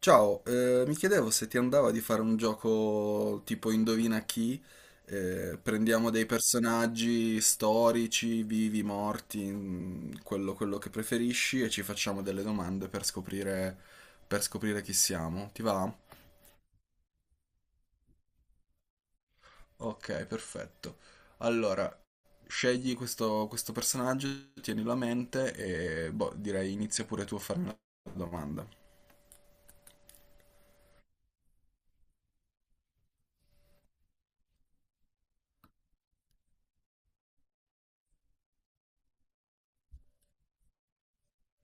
Ciao, mi chiedevo se ti andava di fare un gioco tipo Indovina chi, prendiamo dei personaggi storici, vivi, morti, quello che preferisci e ci facciamo delle domande per scoprire chi siamo. Ti va? Ok, perfetto. Allora, scegli questo personaggio, tienilo a mente e boh, direi inizia pure tu a farmi la domanda.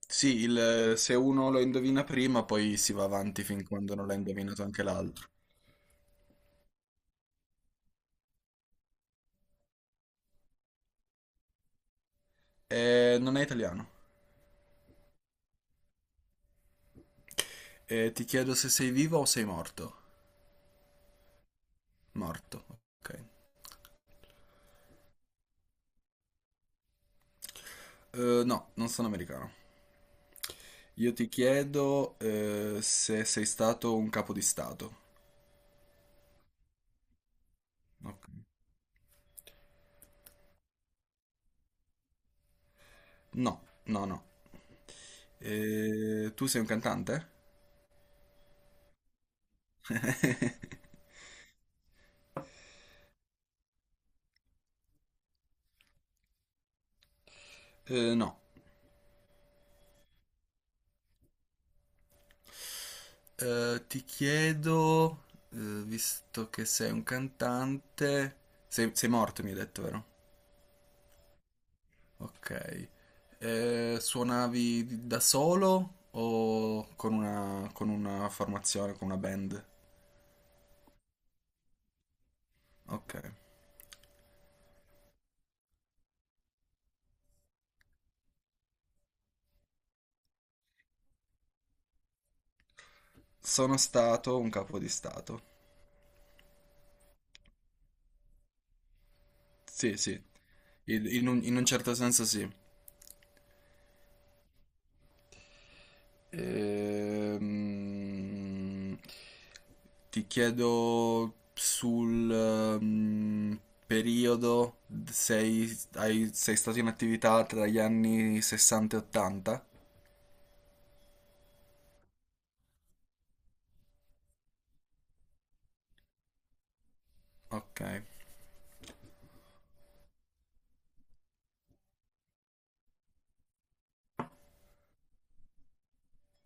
Sì, se uno lo indovina prima, poi si va avanti fin quando non l'ha indovinato anche l'altro. Non è italiano. Ti chiedo se sei vivo o sei morto. Morto, ok. No, non sono americano. Io ti chiedo se sei stato un capo di stato. Ok. No, no, no. Tu sei un cantante? No. Ti chiedo, visto che sei un cantante, sei morto, mi hai detto, vero? Ok. Suonavi da solo o con una formazione, con una band? Ok. Sono stato un capo di stato. Sì, sì, in un certo senso sì. Ehm, ti chiedo sul periodo, sei stato in attività tra gli anni 60 e 80? Ok.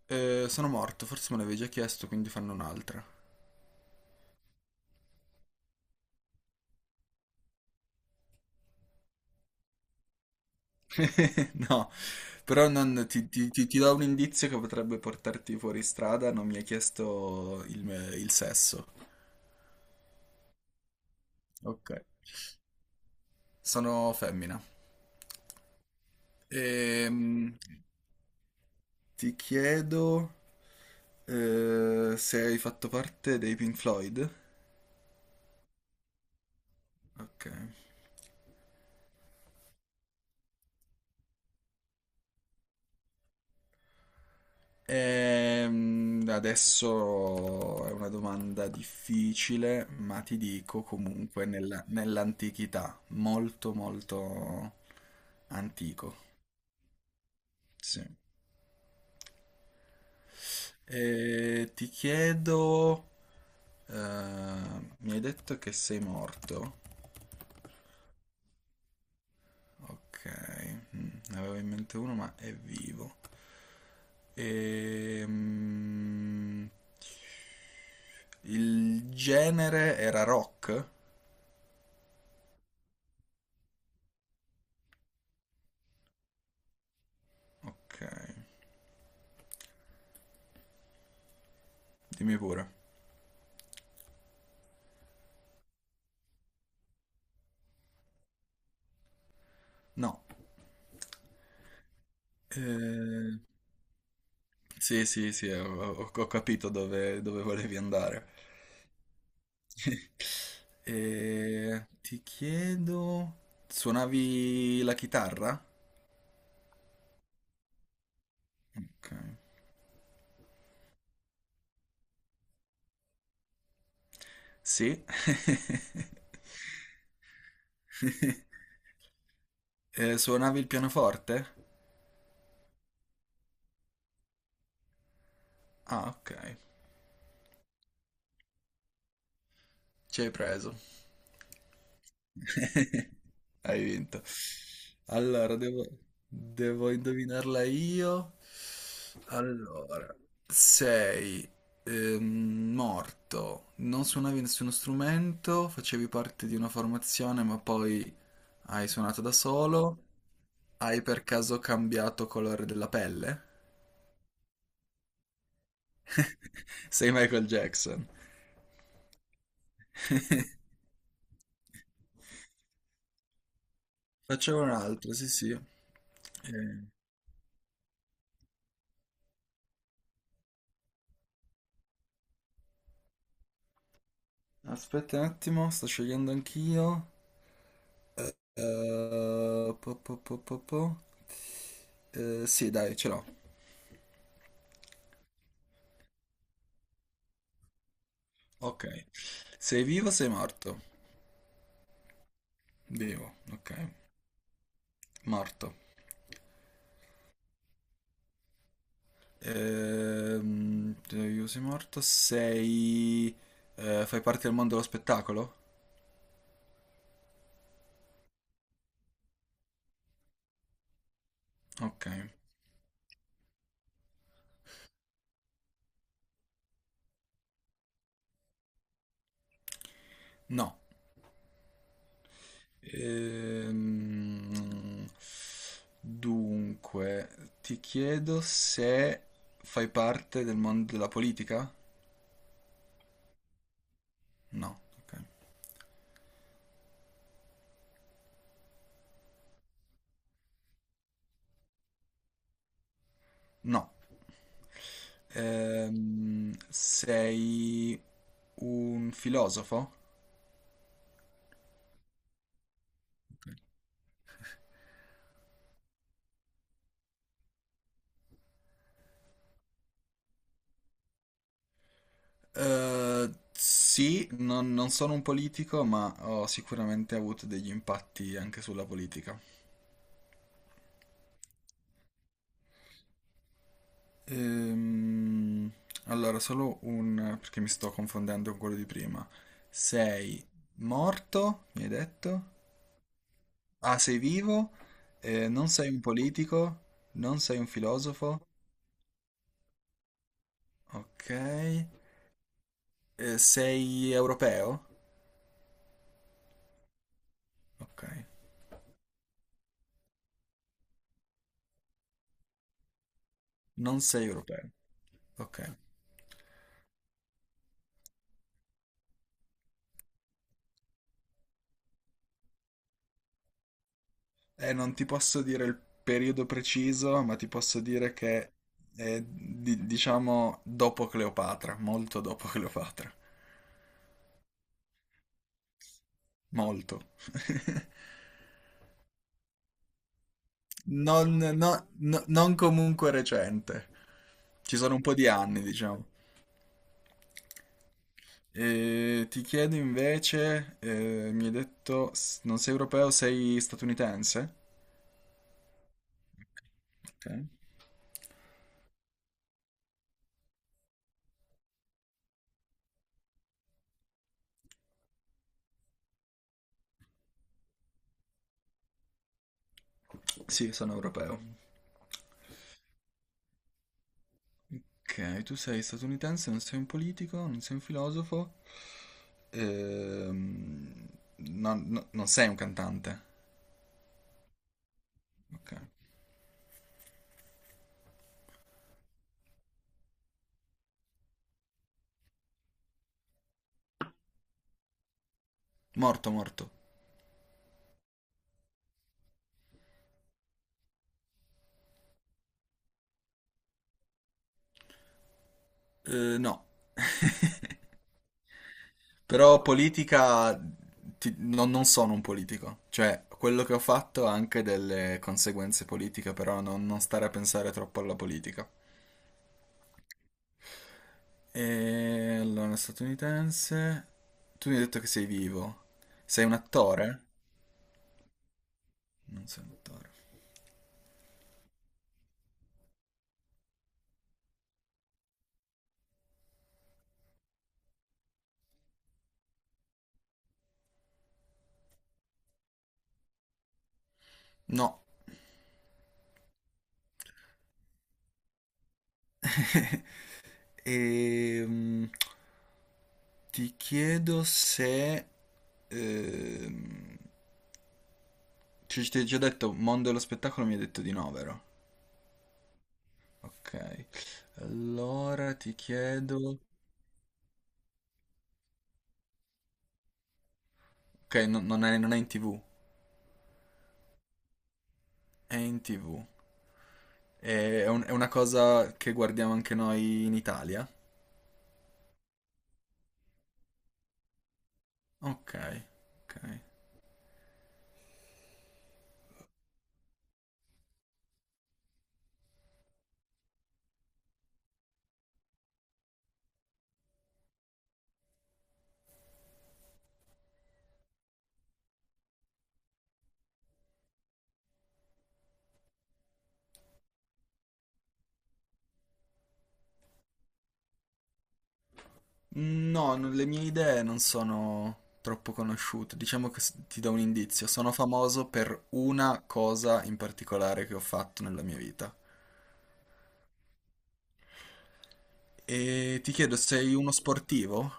Sono morto, forse me l'avevi già chiesto, quindi fanno un'altra. No, però ti do un indizio che potrebbe portarti fuori strada, non mi hai chiesto il sesso. Ok. Sono femmina. Ehm, ti chiedo se hai fatto parte dei Pink Floyd. Ok. Adesso è una domanda difficile, ma ti dico comunque nell'antichità, molto molto antico. Sì. E ti chiedo, eh, mi hai detto che sei morto? Ok, ne avevo in mente uno, ma è vivo. Ehm, il genere era rock? Ok, dimmi pure. No. Eh, sì, sì, sì, ho capito dove volevi andare. Ti chiedo, suonavi la chitarra? Ok. Sì. Suonavi il pianoforte? Ah, ok. Ci hai preso. Hai vinto. Allora, devo indovinarla io. Allora, sei ehm, morto, non suonavi nessuno strumento, facevi parte di una formazione, ma poi hai suonato da solo. Hai per caso cambiato colore della pelle? Sei Michael Jackson. Facciamo un'altra, sì, sì. Aspetta un attimo, sto scegliendo anch'io. Po, po, po, po, po. Sì, dai, ce l'ho. Ok. Sei vivo o sei morto? Vivo, ok. Morto. Sei vivo, sei morto. Fai parte del mondo dello spettacolo? Ok. No. Ehm, dunque, ti chiedo se fai parte del mondo della politica? No, ok. No. Sei un filosofo? Sì, non sono un politico, ma ho sicuramente avuto degli impatti anche sulla politica. Ehm, allora, perché mi sto confondendo con quello di prima. Sei morto, mi hai detto? Ah, sei vivo? Non sei un politico? Non sei un filosofo? Ok. Sei europeo? Ok. Non sei europeo. Ok. Non ti posso dire il periodo preciso, ma ti posso dire che è, diciamo, dopo Cleopatra, molto dopo Cleopatra. Molto. Non, no- no- non comunque recente. Ci sono un po' di anni, diciamo. E ti chiedo invece, mi hai detto, non sei europeo, sei statunitense? Ok. Sì, sono europeo. Ok, tu sei statunitense, non sei un politico, non sei un filosofo, ehm, non sei un cantante. Ok. Morto, morto. No. Però politica, non sono un politico, cioè quello che ho fatto ha anche delle conseguenze politiche, però non stare a pensare troppo alla politica. E allora, statunitense, tu mi hai detto che sei vivo, sei un attore? Non sei un attore. No. E, ti chiedo se... ehm, ci ti ho già detto, mondo dello spettacolo mi hai detto di no, vero? Ok, allora ti chiedo... Ok, non è in TV, è in TV. È una cosa che guardiamo anche noi in Italia? Ok, ok. No, le mie idee non sono troppo conosciute. Diciamo che ti do un indizio. Sono famoso per una cosa in particolare che ho fatto nella mia vita. E ti chiedo, sei uno sportivo?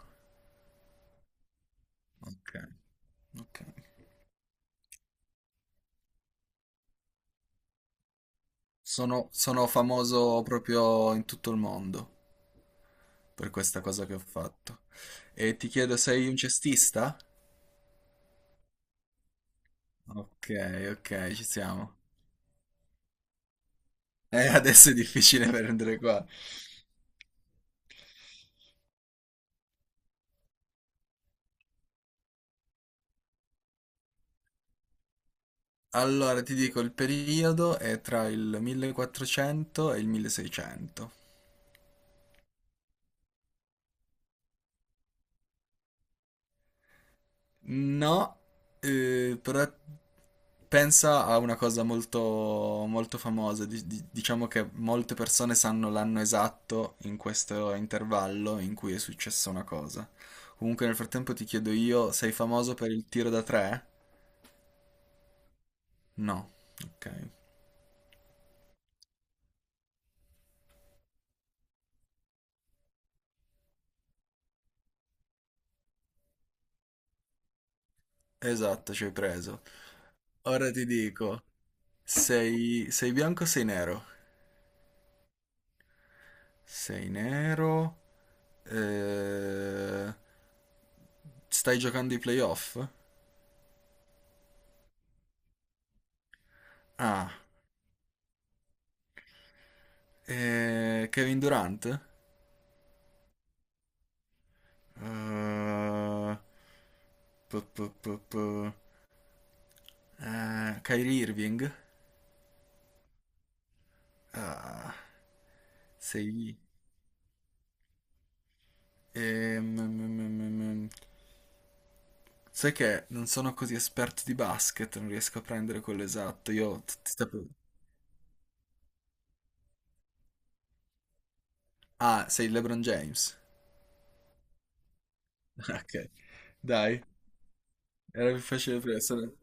Ok, ok. Sono famoso proprio in tutto il mondo per questa cosa che ho fatto. E ti chiedo, sei un cestista? Ok, ok, ci siamo. Adesso è difficile prendere qua. Allora, ti dico, il periodo è tra il 1400 e il 1600. No, però pensa a una cosa molto, molto famosa. Diciamo che molte persone sanno l'anno esatto in questo intervallo in cui è successa una cosa. Comunque, nel frattempo ti chiedo io, sei famoso per il tiro da tre? No. Ok. Esatto, ci hai preso. Ora ti dico, sei bianco o sei nero? Sei nero. Eh, stai giocando i playoff? Ah, Kevin Durant? Pu- pu- pu- pu- Kyrie Irving? Ah, sei... mm, mm, mm, mm. mm. sai che non sono così esperto di basket, non riesco a prendere quello esatto. Io ti stavo... Ah, sei LeBron James? Ok, dai, era più facile prima. stavo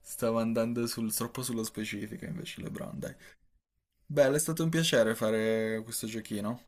stavo andando troppo sullo specifico invece LeBron, dai. Beh, è stato un piacere fare questo giochino.